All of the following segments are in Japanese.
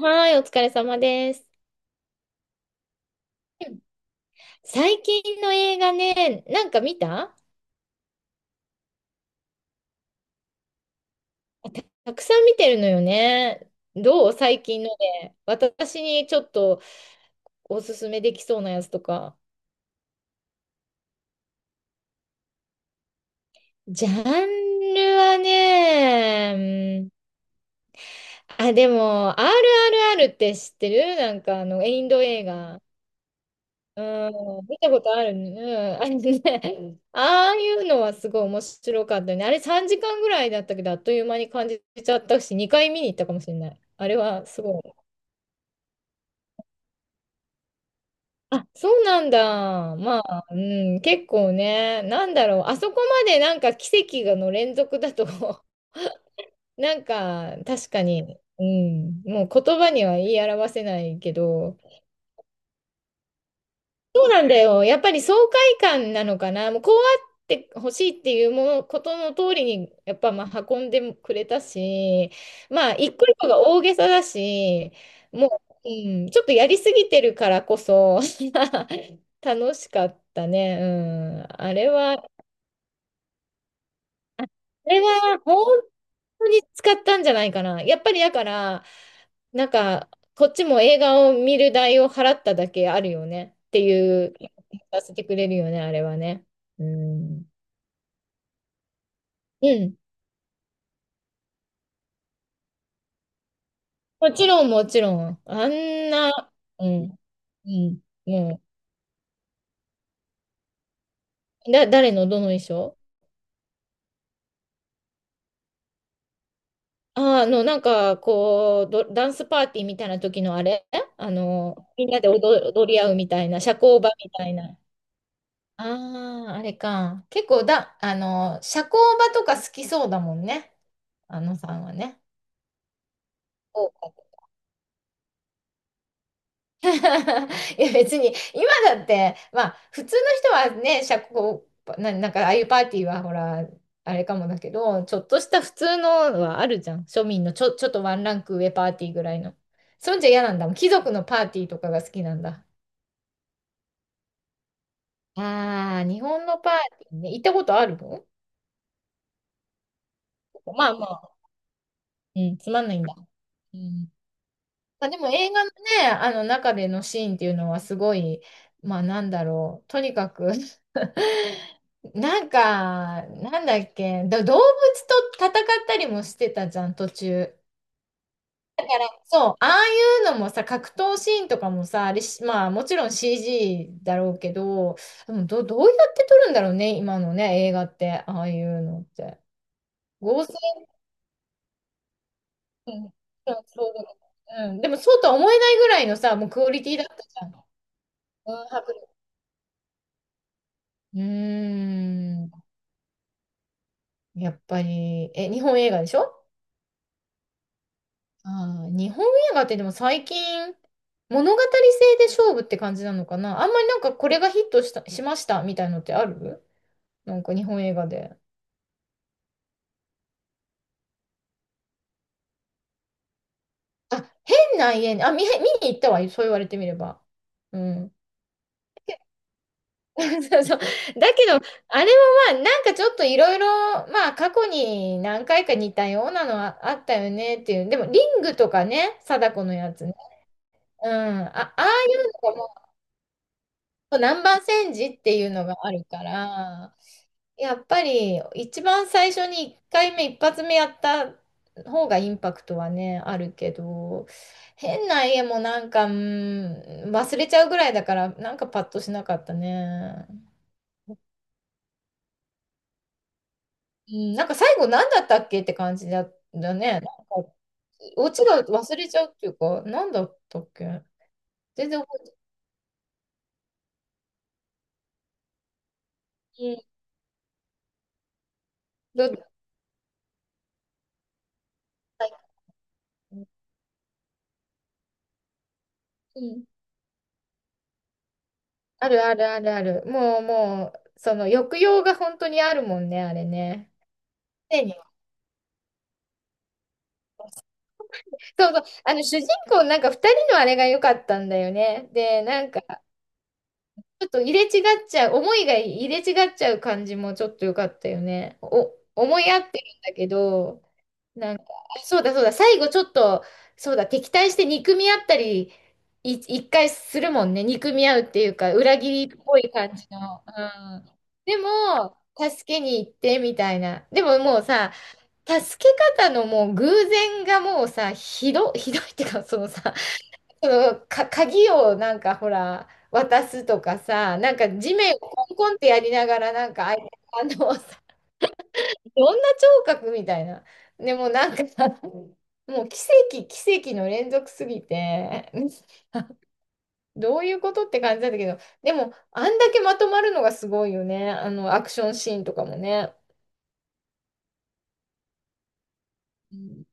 はい、お疲れ様です。うん、最近の映画ね、なんか見た。たくさん見てるのよね。どう最近の？で、私にちょっとおすすめできそうなやつとか。ジャンルはね、うん、あ、でも、RRR って知ってる？なんかあの、インド映画。うん、見たことあるね。うん、あれね、ああいうのはすごい面白かったね。あれ3時間ぐらいだったけど、あっという間に感じちゃったし、2回見に行ったかもしれない。あれはすごい。あ、そうなんだ。まあ、うん、結構ね、なんだろう。あそこまでなんか奇跡がの連続だと なんか確かに、うん、もう言葉には言い表せないけど、そうなんだよ。やっぱり爽快感なのかな。もうこうあってほしいっていうもの、ことの通りに、やっぱまあ運んでくれたし、まあ一個一個が大げさだし、もう、うん、ちょっとやりすぎてるからこそ、楽しかったね。うん。あれは本当に使ったんじゃないかな。やっぱりだから、なんか、こっちも映画を見る代を払っただけあるよねっていう、させてくれるよね、あれはね。うん。うん。もちろん、もちろん。あんな、うん。うん。もう、誰のどの衣装？ああの、なんか、こう、ダンスパーティーみたいな時のあれ。あの、みんなで踊り合うみたいな、社交場みたいな。ああ、あれか。結構だ、あの、社交場とか好きそうだもんね。あのさんはね。そうか。 いや、別に、今だって、まあ、普通の人はね、社交場、なんか、ああいうパーティーは、ほら、あれかもだけど、ちょっとした普通のはあるじゃん。庶民のちょっとワンランク上パーティーぐらいの。そんじゃ嫌なんだもん。貴族のパーティーとかが好きなんだ。ああ、日本のパーティーね。行ったことあるの？まあまあ、うん、つまんないんだ。うん、まあ、でも映画のね、あの中でのシーンっていうのはすごい、まあなんだろう、とにかく なんか、なんだっけ、動物と戦ったりもしてたじゃん、途中。そう、ああいうのもさ、格闘シーンとかもさ、あれし、まあもちろん CG だろうけど、でもどうやって撮るんだろうね、今のね、映画って、ああいうのって。合成、うん、そうだね。うん、でもそうとは思えないぐらいのさ、もうクオリティだったじゃん。うん、うーん。やっぱり、え、日本映画でしょ？日本映画ってでも最近、物語性で勝負って感じなのかな。あんまりなんかこれがヒットしましたみたいのってある？なんか日本映画で。あ、変な家に、あ、見に行ったわ。そう言われてみれば。うん。そうそう。だけど、あれもまあ、なんかちょっといろいろ、まあ、過去に何回か似たようなのはあったよねっていう。でも、リングとかね、貞子のやつね。うん。あ、ああいうのが南蛮戦時っていうのがあるから、やっぱり一番最初に1回目、一発目やった方がインパクトはね、あるけど、変な家もなんか、うん、忘れちゃうぐらいだから、なんかパッとしなかったね。うん、なんか最後何だったっけって感じだったね。なんか、オチが忘れちゃうっていうか、何だったっけ。全然覚えてない。うん、うん、あるあるあるある。もうもう、その抑揚が本当にあるもんね、あれね。常にそうそう。あの、主人公なんか二人のあれが良かったんだよね。で、なんか、ちょっと入れ違っちゃう、思いが入れ違っちゃう感じもちょっと良かったよね。思い合ってるんだけど、そうだそうだ、最後ちょっと、そうだ、敵対して憎み合ったり、一回するもんね。憎み合うっていうか、裏切りっぽい感じの。うん。でも、助けに行ってみたいな。でももうさ、助け方のもう偶然がもうさ、ひどいっていうか、そのさ、その鍵をなんかほら、渡すとかさ、なんか地面をコンコンってやりながら、なんか相手、あのさ、どんな聴覚みたいな。でもなんかもう奇跡の連続すぎて、どういうことって感じだったけど、でも、あんだけまとまるのがすごいよね。あの、アクションシーンとかもね。うん、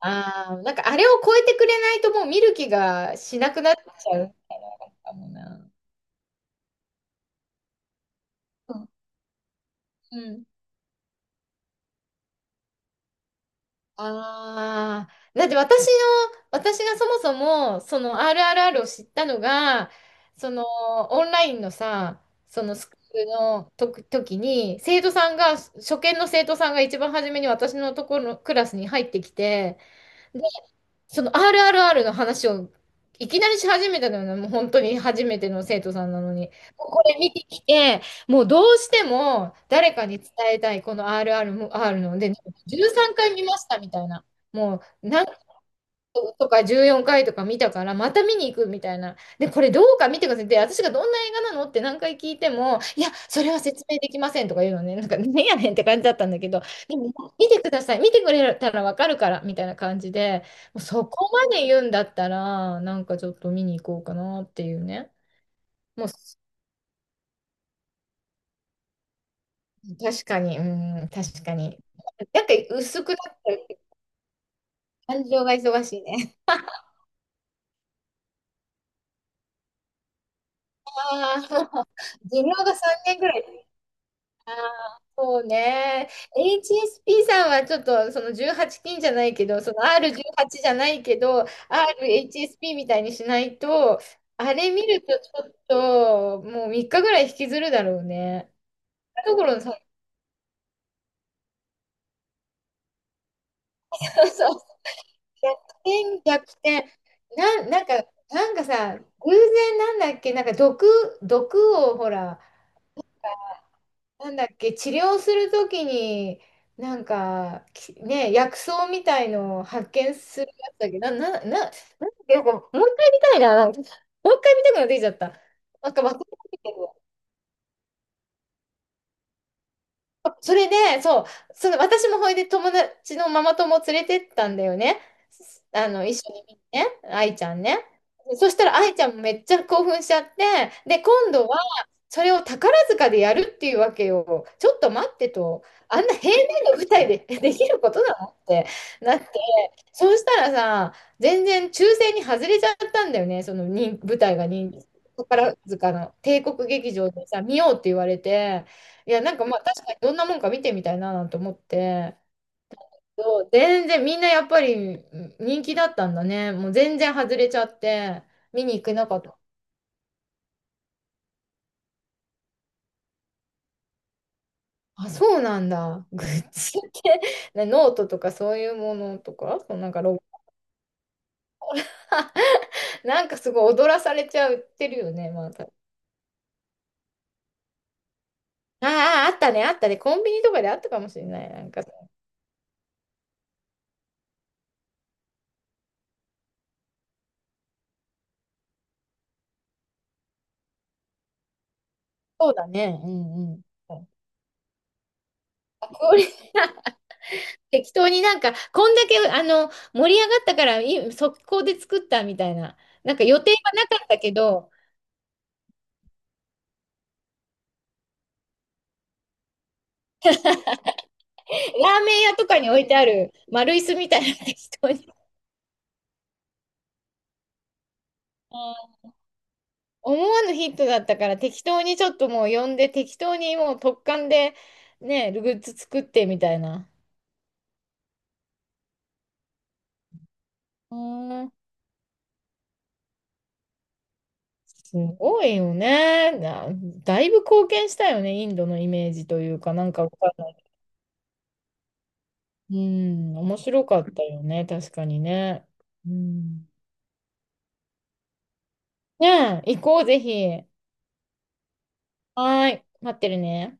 ああ、なんかあれを超えてくれないともう見る気がしなくなっちゃうかもな。うん、うん、ああ、だって私がそもそも、その RRR を知ったのが、そのオンラインのさ、そのスクールのとく時に、生徒さんが、初見の生徒さんが一番初めに私のところのクラスに入ってきて、その RRR の話をいきなりし始めたのよね、もう本当に初めての生徒さんなのに。もうこれ見てきて、もうどうしても誰かに伝えたい、この RRR ので、13回見ましたみたいな。もう何とか14回とか見たから、また見に行くみたいな。で、これどうか見てください。で、私がどんな映画なのって何回聞いても、いや、それは説明できませんとか言うのね。なんか、ねやねんって感じだったんだけど、でも、見てください。見てくれたらわかるから、みたいな感じで、もうそこまで言うんだったら、なんかちょっと見に行こうかなっていうね。もう、確かに、うん、確かに。なんか薄くなってる感情が忙しいね。ああ、寿命が3年ぐらい。そうね。HSP さんはちょっとその18禁じゃないけど、その R18 じゅうはちじゃないけど、RHSP みたいにしないと、あれ見るとちょっともう3日ぐらい引きずるだろうね。ところのさ、そうそう、逆転、逆転。なん、なんか、なんかさ、偶然なんだっけ、なんか毒をほら、なんだっけ、治療するときに、なんか、きね、薬草みたいのを発見するやつだっけど、なんかもう一回見たいな、なんか。もう一回見たくなってきちゃった。なんかまあ、それで、そう、その私もほいで友達のママ友を連れてったんだよね。あの、一緒に見にね、愛ちゃんね。そしたら愛ちゃんもめっちゃ興奮しちゃって、で、今度はそれを宝塚でやるっていうわけよ。ちょっと待ってと、あんな平面の舞台で できることなのってなって、そうしたらさ、全然抽選に外れちゃったんだよね、その人舞台が人宝塚の帝国劇場でさ、見ようって言われて。いや、なんかまあ確かにどんなもんか見てみたいななんて思って、そう全然みんなやっぱりうん人気だったんだね。もう全然外れちゃって、見に行けなかった。あ、そうなんだ。グッズって、ねノートとかそういうものとか、そうなんかロゴ、なんかすごい踊らされちゃってるよね、まあた。ああ、あったね、あったね。コンビニとかであったかもしれない。なんか、そうだね。うんうん。あ、クオリティ適当になんか、こんだけ、あの、盛り上がったから、速攻で作ったみたいな。なんか予定はなかったけど、ラーメン屋とかに置いてある丸椅子みたいな適当に。うん、思わぬヒットだったから、適当にちょっともう呼んで、適当にもう突貫で、ね、グッズ作ってみたいな。うん、すごいよね。だいぶ貢献したよね、インドのイメージというか、なんかわかんない。うん、面白かったよね、確かにね。うん、ねえ、行こう、ぜひ。はーい、待ってるね。